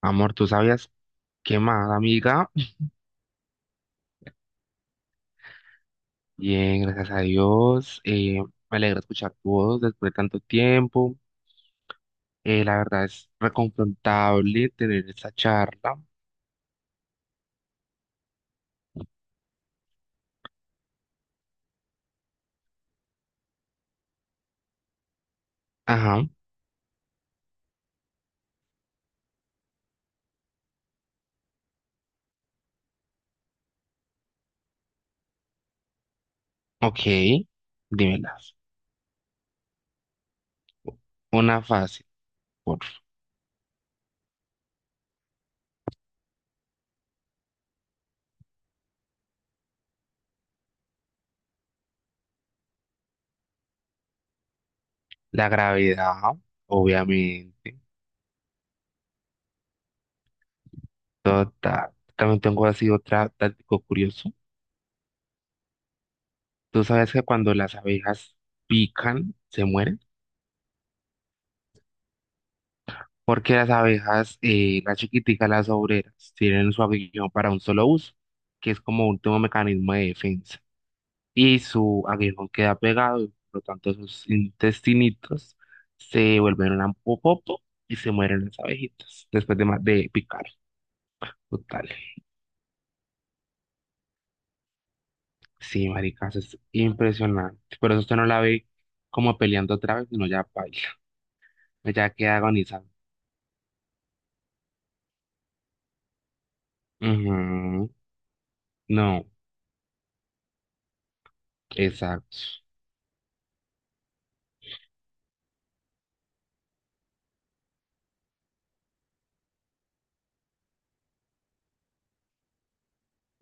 Amor, ¿tú sabías qué más, amiga? Bien, gracias a Dios. Me alegra escuchar tu voz después de tanto tiempo. La verdad es reconfortable tener esta charla. Ajá. Ok, dímelas. Una fácil, por la gravedad, obviamente. Total. También tengo así otra táctico curioso. ¿Tú sabes que cuando las abejas pican, se mueren? Porque las abejas, las chiquiticas, las obreras, tienen su aguijón para un solo uso, que es como último mecanismo de defensa. Y su aguijón queda pegado, y por lo tanto sus intestinitos se vuelven un popopo y se mueren las abejitas después de, de picar. Total. Sí, marica, eso es impresionante. Por eso usted no la ve como peleando otra vez, sino ya baila, ya queda agonizando. Ujú. No, exacto.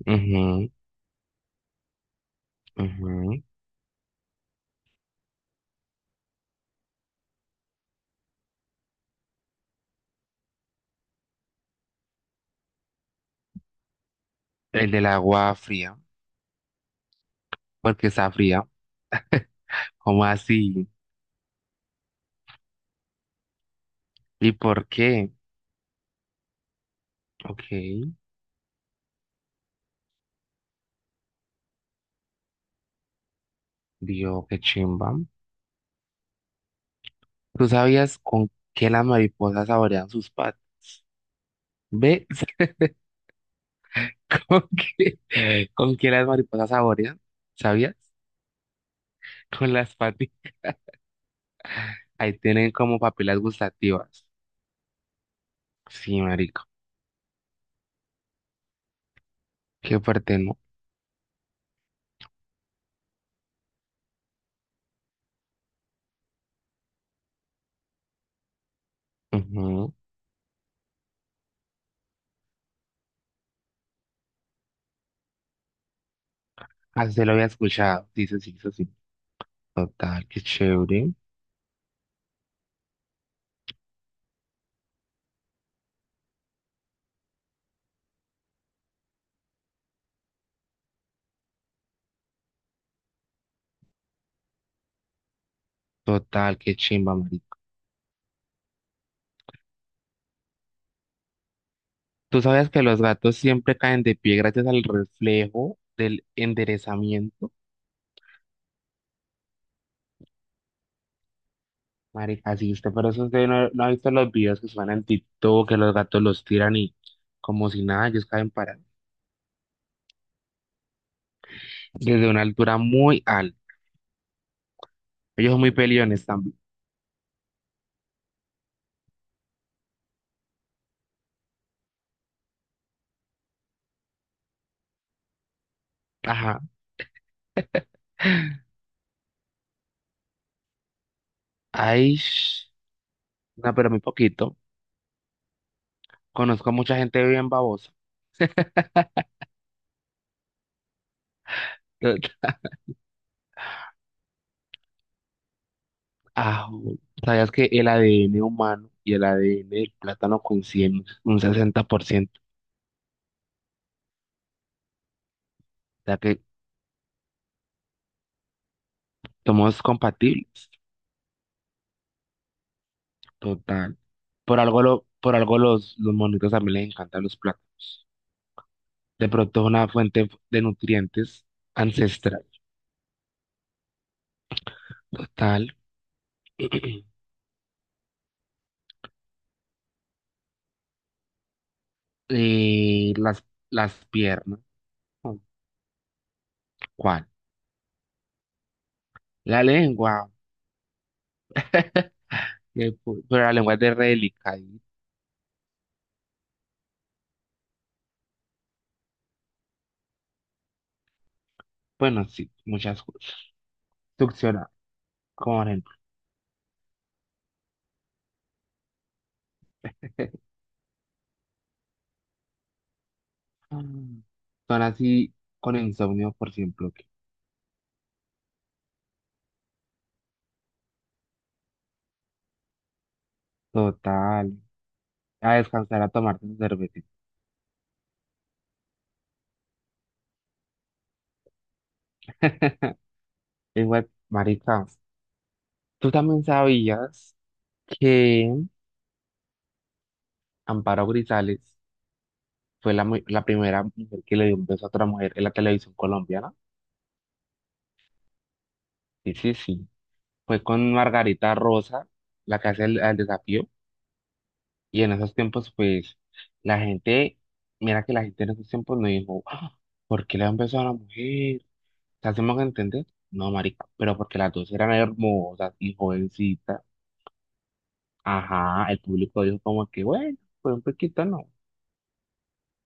Ujú, ujú. El del agua fría, porque está fría. ¿Cómo así? ¿Y por qué? Ok. Dios, qué chimba. ¿Tú sabías con qué las mariposas saborean sus patas? ¿Ves? ¿Con con qué las mariposas saborean? ¿Sabías? Con las patas. Ahí tienen como papilas gustativas. Sí, marico. Qué fuerte, ¿no? Ujú. Así lo había escuchado. Dice sí, sí, sí. Sí. Total, qué chévere. Total, qué chimba, marico. Tú sabías que los gatos siempre caen de pie gracias al reflejo del enderezamiento. Marica, sí, usted, pero eso usted no ha visto los videos que suenan en TikTok, que los gatos los tiran y como si nada, ellos caen parados. Desde una altura muy alta. Ellos son muy peliones también. Ajá. Ay, no, pero muy poquito. Conozco a mucha gente bien babosa. Ah, ¿sabías que el ADN humano y el ADN del plátano coinciden un 60%? O sea que somos compatibles. Total. Por algo, por algo los monitos también les encantan los plátanos. De pronto es una fuente de nutrientes ancestral. Total. Y las piernas. ¿Cuál? La lengua. que pero la lengua es de re delicadita. Bueno, sí, muchas cosas. Succionar, como por ejemplo. Mm. Son así con insomnio, por ejemplo. Total. A descansar, a tomarse su cervecita. Lengua, marica. ¿Tú también sabías que Amparo Grisales fue la primera mujer que le dio un beso a otra mujer en la televisión colombiana? Sí, sí, sí. Fue con Margarita Rosa, la que hace el desafío. Y en esos tiempos, pues, la gente, mira que la gente en esos tiempos no dijo, "Ah, ¿por qué le da un beso a la mujer? ¿Te hacemos entender? No, marica, pero porque las dos eran hermosas y jovencitas". Ajá, el público dijo como que, bueno, pues un poquito no.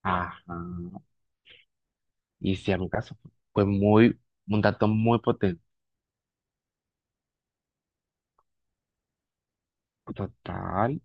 Ajá. Y si a mi caso fue muy, un dato muy potente, total,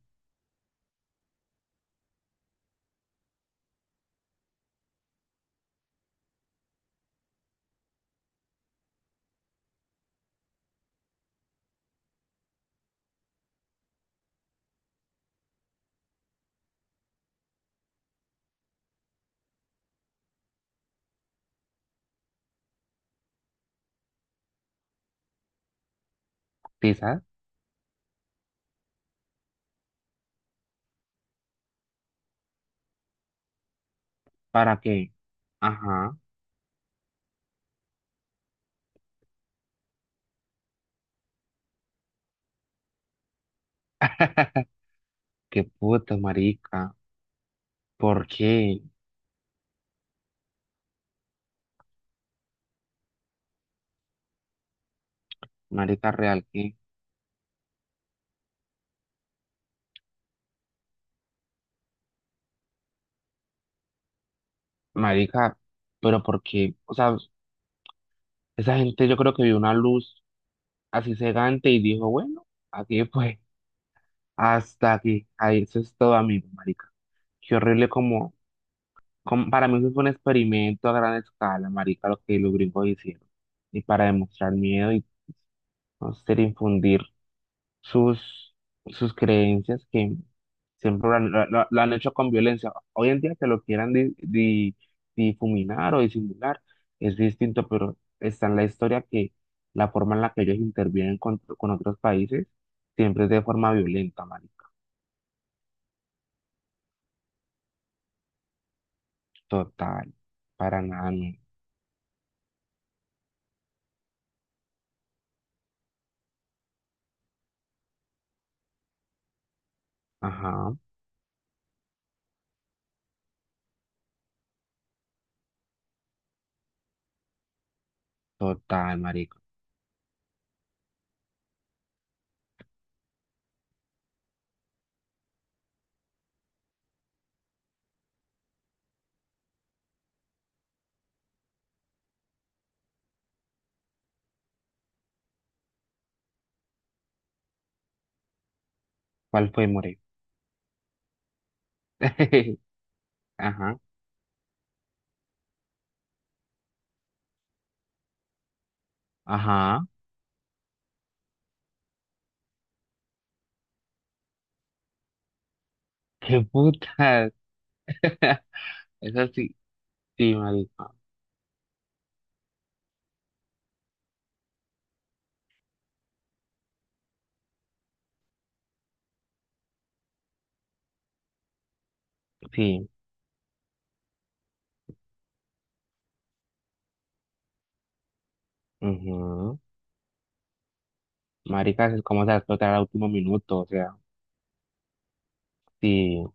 quizás, para que, ajá, qué puta, marica, ¿por qué? Marica real, ¿qué? Marica, pero ¿por qué? O sea, esa gente yo creo que vio una luz así cegante y dijo, bueno, aquí fue, hasta aquí, ahí, eso es todo, amigo, marica. Qué horrible como, como, para mí eso fue un experimento a gran escala, marica, lo que los gringos hicieron. Y para demostrar miedo y no sé, infundir sus, sus creencias que siempre han hecho con violencia. Hoy en día que lo quieran difuminar o disimular es distinto, pero está en la historia que la forma en la que ellos intervienen con otros países siempre es de forma violenta, marico. Total, para nada, no. Ajá, total, marico. ¿Cuál fue, More? Ajá, ajá, qué putas. Eso sí, sí, marico, sí. Maricas, es como se va a explotar al último minuto, o sea, sí.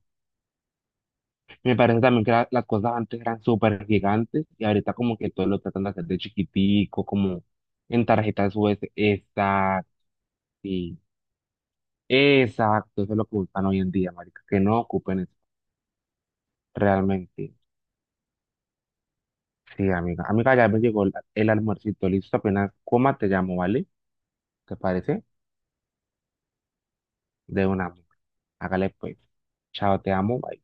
Me parece también que las cosas antes eran súper gigantes y ahorita como que todo lo tratan de hacer de chiquitico, como en tarjetas US. Exacto, sí. Exacto, eso es lo que buscan hoy en día, marica, que no ocupen eso, realmente. Sí, amiga. Amiga, ya me llegó el almuercito, listo, apenas coma te llamo, ¿vale? ¿Te parece? De una, amiga. Hágale pues. Chao, te amo, bye.